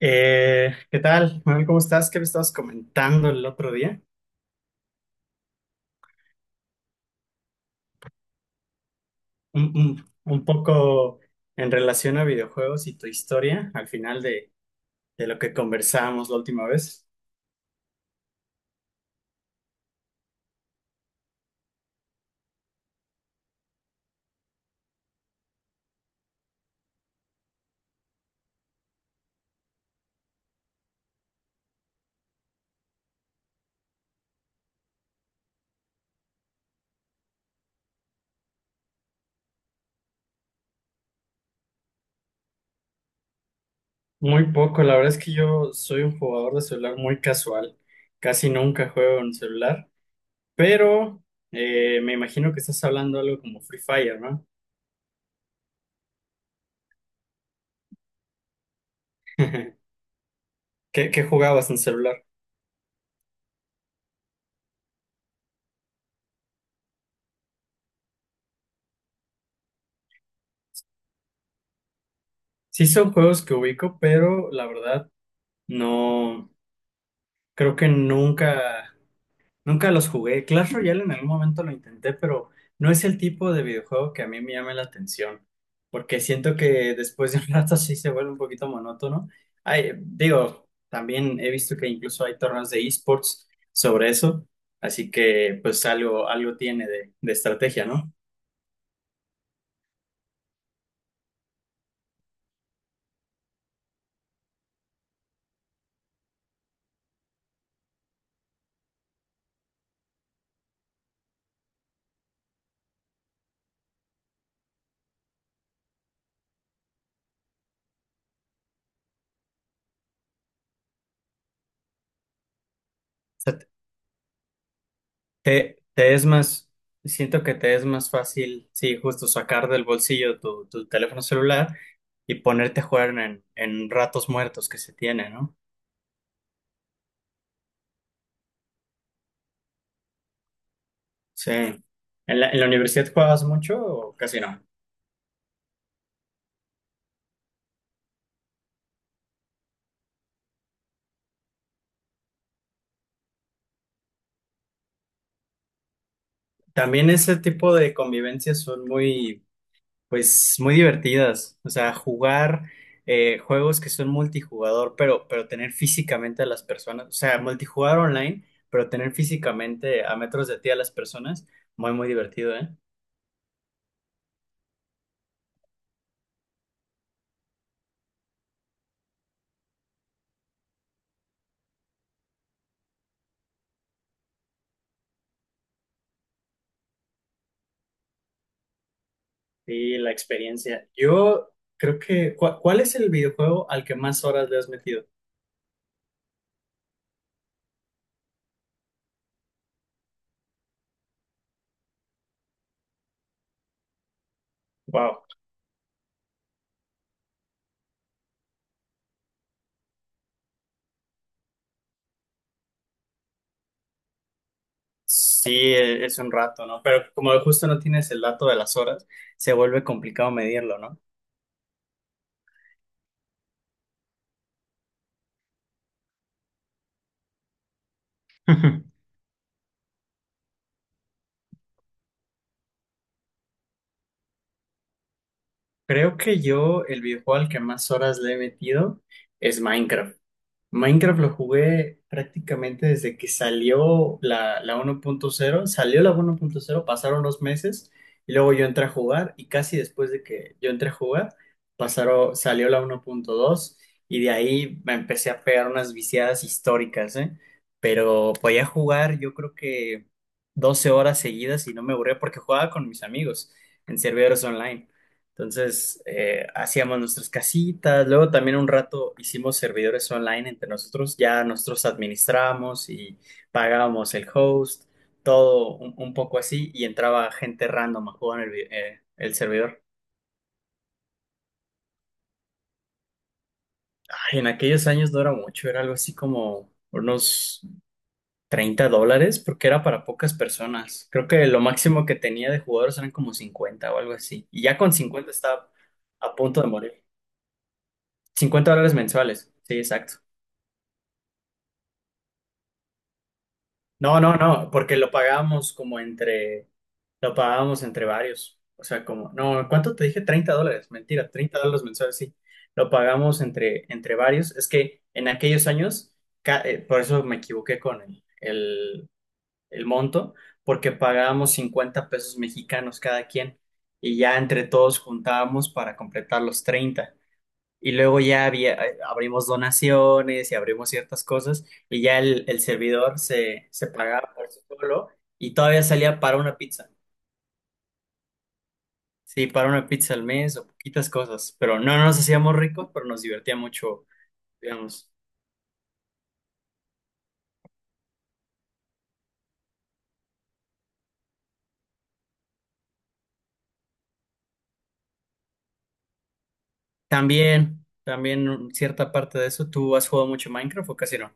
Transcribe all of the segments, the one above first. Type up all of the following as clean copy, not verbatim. ¿Qué tal, Manuel? ¿Cómo estás? ¿Qué me estabas comentando el otro día? Un poco en relación a videojuegos y tu historia al final de lo que conversábamos la última vez. Muy poco, la verdad es que yo soy un jugador de celular muy casual, casi nunca juego en celular, pero me imagino que estás hablando algo como Free Fire, ¿no? ¿Qué jugabas en celular? Sí son juegos que ubico, pero la verdad no, creo que nunca... Nunca los jugué. Clash Royale en algún momento lo intenté, pero no es el tipo de videojuego que a mí me llame la atención, porque siento que después de un rato sí se vuelve un poquito monótono. Ay, digo, también he visto que incluso hay torneos de esports sobre eso, así que pues algo, algo tiene de estrategia, ¿no? O sea, te es más, siento que te es más fácil, sí, justo sacar del bolsillo tu teléfono celular y ponerte a jugar en ratos muertos que se tiene, ¿no? Sí. ¿En la universidad juegas mucho o casi no? También ese tipo de convivencias son muy, pues, muy divertidas. O sea, jugar juegos que son multijugador, pero tener físicamente a las personas. O sea, multijugador online, pero tener físicamente a metros de ti a las personas. Muy, muy divertido, ¿eh? Sí, la experiencia. Yo creo que, ¿cuál es el videojuego al que más horas le has metido? Wow. Sí, es un rato, ¿no? Pero como justo no tienes el dato de las horas, se vuelve complicado medirlo, ¿no? Creo que yo el videojuego al que más horas le he metido es Minecraft. Minecraft lo jugué prácticamente desde que salió la uno punto cero. Salió la uno punto cero, pasaron los meses y luego yo entré a jugar y casi después de que yo entré a jugar, pasaron, salió la uno punto dos y de ahí me empecé a pegar unas viciadas históricas, ¿eh? Pero podía jugar yo creo que 12 horas seguidas y no me aburría porque jugaba con mis amigos en servidores online. Entonces, hacíamos nuestras casitas, luego también un rato hicimos servidores online entre nosotros, ya nosotros administrábamos y pagábamos el host, todo un poco así, y entraba gente random a jugar en el, el servidor. Ay, en aquellos años no era mucho, era algo así como unos $30, porque era para pocas personas. Creo que lo máximo que tenía de jugadores eran como 50 o algo así, y ya con 50 estaba a punto de morir. $50 mensuales, sí, exacto. No, no, no, porque lo pagábamos como entre, lo pagábamos entre varios. O sea, como, no, ¿cuánto te dije? $30, mentira, $30 mensuales, sí. Lo pagamos entre varios. Es que en aquellos años, por eso me equivoqué con el monto, porque pagábamos 50 pesos mexicanos cada quien y ya entre todos juntábamos para completar los 30. Y luego ya había, abrimos donaciones y abrimos ciertas cosas y ya el servidor se pagaba por sí solo y todavía salía para una pizza. Sí, para una pizza al mes o poquitas cosas, pero no nos hacíamos ricos, pero nos divertía mucho, digamos. También, también cierta parte de eso. ¿Tú has jugado mucho Minecraft o casi no?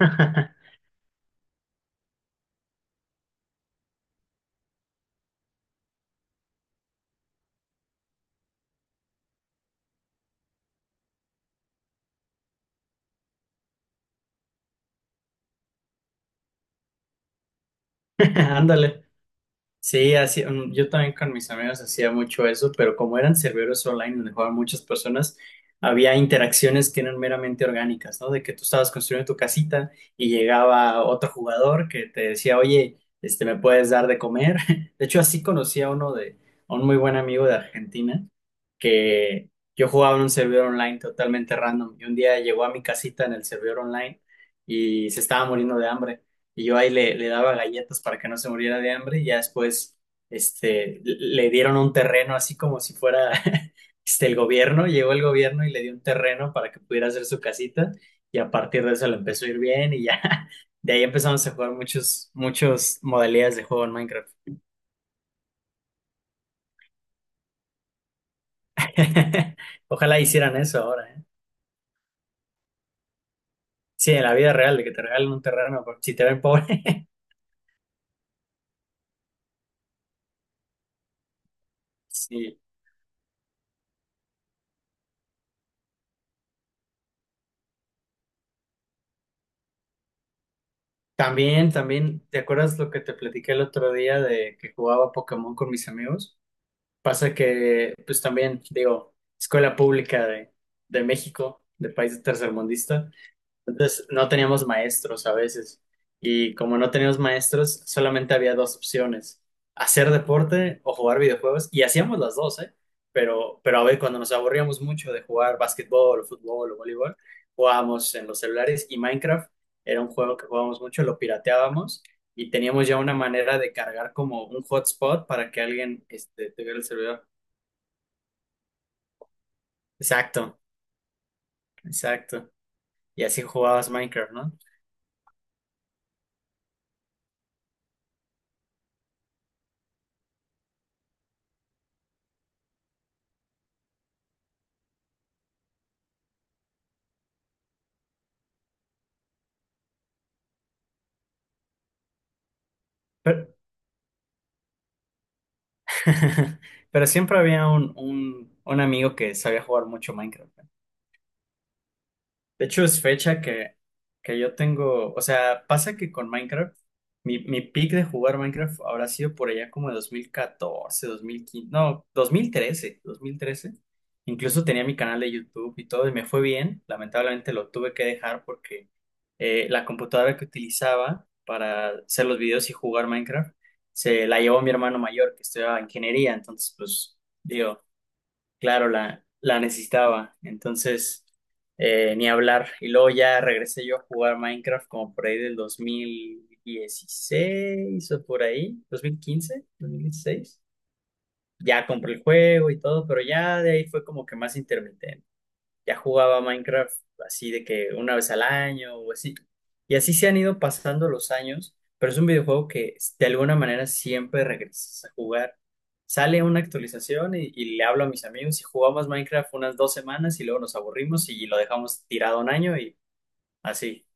Ándale. Sí, así, yo también con mis amigos hacía mucho eso, pero como eran servidores online donde jugaban muchas personas, había interacciones que eran meramente orgánicas, ¿no? De que tú estabas construyendo tu casita y llegaba otro jugador que te decía, oye, este, ¿me puedes dar de comer? De hecho, así conocí a uno de, a un muy buen amigo de Argentina, que yo jugaba en un servidor online totalmente random y un día llegó a mi casita en el servidor online y se estaba muriendo de hambre y yo ahí le daba galletas para que no se muriera de hambre y ya después este, le dieron un terreno así como si fuera este, el gobierno, llegó el gobierno y le dio un terreno para que pudiera hacer su casita y a partir de eso le empezó a ir bien y ya de ahí empezamos a jugar muchos, muchos modalidades de juego en Minecraft. Ojalá hicieran eso ahora, ¿eh? Sí, en la vida real, de que te regalen un terreno, porque si te ven pobre. Sí. También, también, ¿te acuerdas lo que te platiqué el otro día de que jugaba Pokémon con mis amigos? Pasa que, pues también, digo, escuela pública de México, de país tercermundista, entonces no teníamos maestros a veces. Y como no teníamos maestros, solamente había dos opciones, hacer deporte o jugar videojuegos. Y hacíamos las dos, ¿eh? Pero a ver, cuando nos aburríamos mucho de jugar básquetbol o fútbol o voleibol, jugábamos en los celulares y Minecraft era un juego que jugábamos mucho, lo pirateábamos y teníamos ya una manera de cargar como un hotspot para que alguien este, tuviera el servidor. Exacto, exacto. Y así jugabas Minecraft, ¿no? Pero, pero siempre había un amigo que sabía jugar mucho Minecraft. De hecho, es fecha que yo tengo, o sea, pasa que con Minecraft, mi peak de jugar Minecraft habrá sido por allá como de dos mil 2015, no, dos mil quince, no, dos mil trece. Incluso tenía mi canal de YouTube y todo, y me fue bien. Lamentablemente lo tuve que dejar porque la computadora que utilizaba para hacer los videos y jugar Minecraft se la llevó mi hermano mayor, que estudiaba ingeniería. Entonces, pues, claro, la necesitaba. Entonces, ni hablar. Y luego ya regresé yo a jugar Minecraft como por ahí del 2016 o por ahí, dos mil quince, dos mil 2016. Ya compré el juego y todo, pero ya de ahí fue como que más intermitente, ya jugaba Minecraft así de que una vez al año o así. Y así se han ido pasando los años, pero es un videojuego que de alguna manera siempre regresas a jugar. Sale una actualización y le hablo a mis amigos y jugamos Minecraft unas 2 semanas y luego nos aburrimos y lo dejamos tirado un año y así.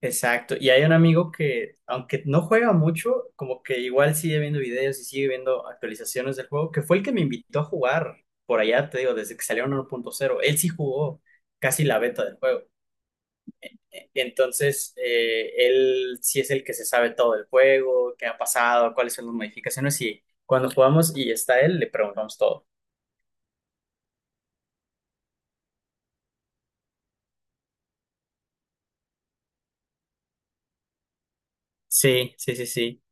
Exacto. Y hay un amigo que, aunque no juega mucho, como que igual sigue viendo videos y sigue viendo actualizaciones del juego, que fue el que me invitó a jugar por allá, te digo, desde que salieron cero. Él sí jugó casi la beta del juego. Entonces, él sí es el que se sabe todo del juego, qué ha pasado, cuáles son las modificaciones y cuando jugamos y está él, le preguntamos todo. Sí, sí, sí, sí.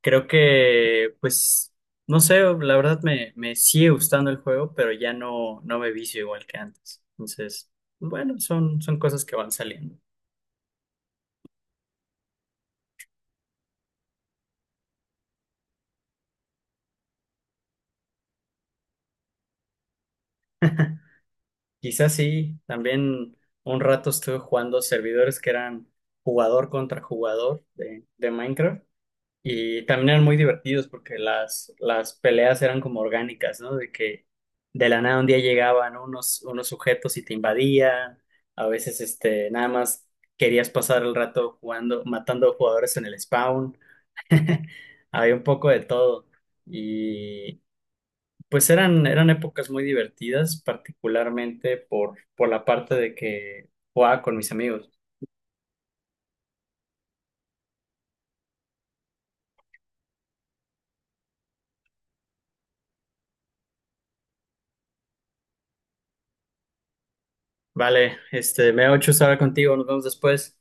Creo que, pues, no sé, la verdad me sigue gustando el juego, pero ya no, no me vicio igual que antes. Entonces, bueno, son cosas que van saliendo. Quizás sí, también un rato estuve jugando servidores que eran jugador contra jugador de Minecraft. Y también eran muy divertidos porque las peleas eran como orgánicas, ¿no? De que de la nada un día llegaban unos, unos sujetos y te invadían, a veces este, nada más querías pasar el rato jugando, matando jugadores en el spawn, había un poco de todo. Y pues eran, eran épocas muy divertidas, particularmente por la parte de que jugaba con mis amigos. Vale, este, me ha hecho estar contigo, nos vemos después.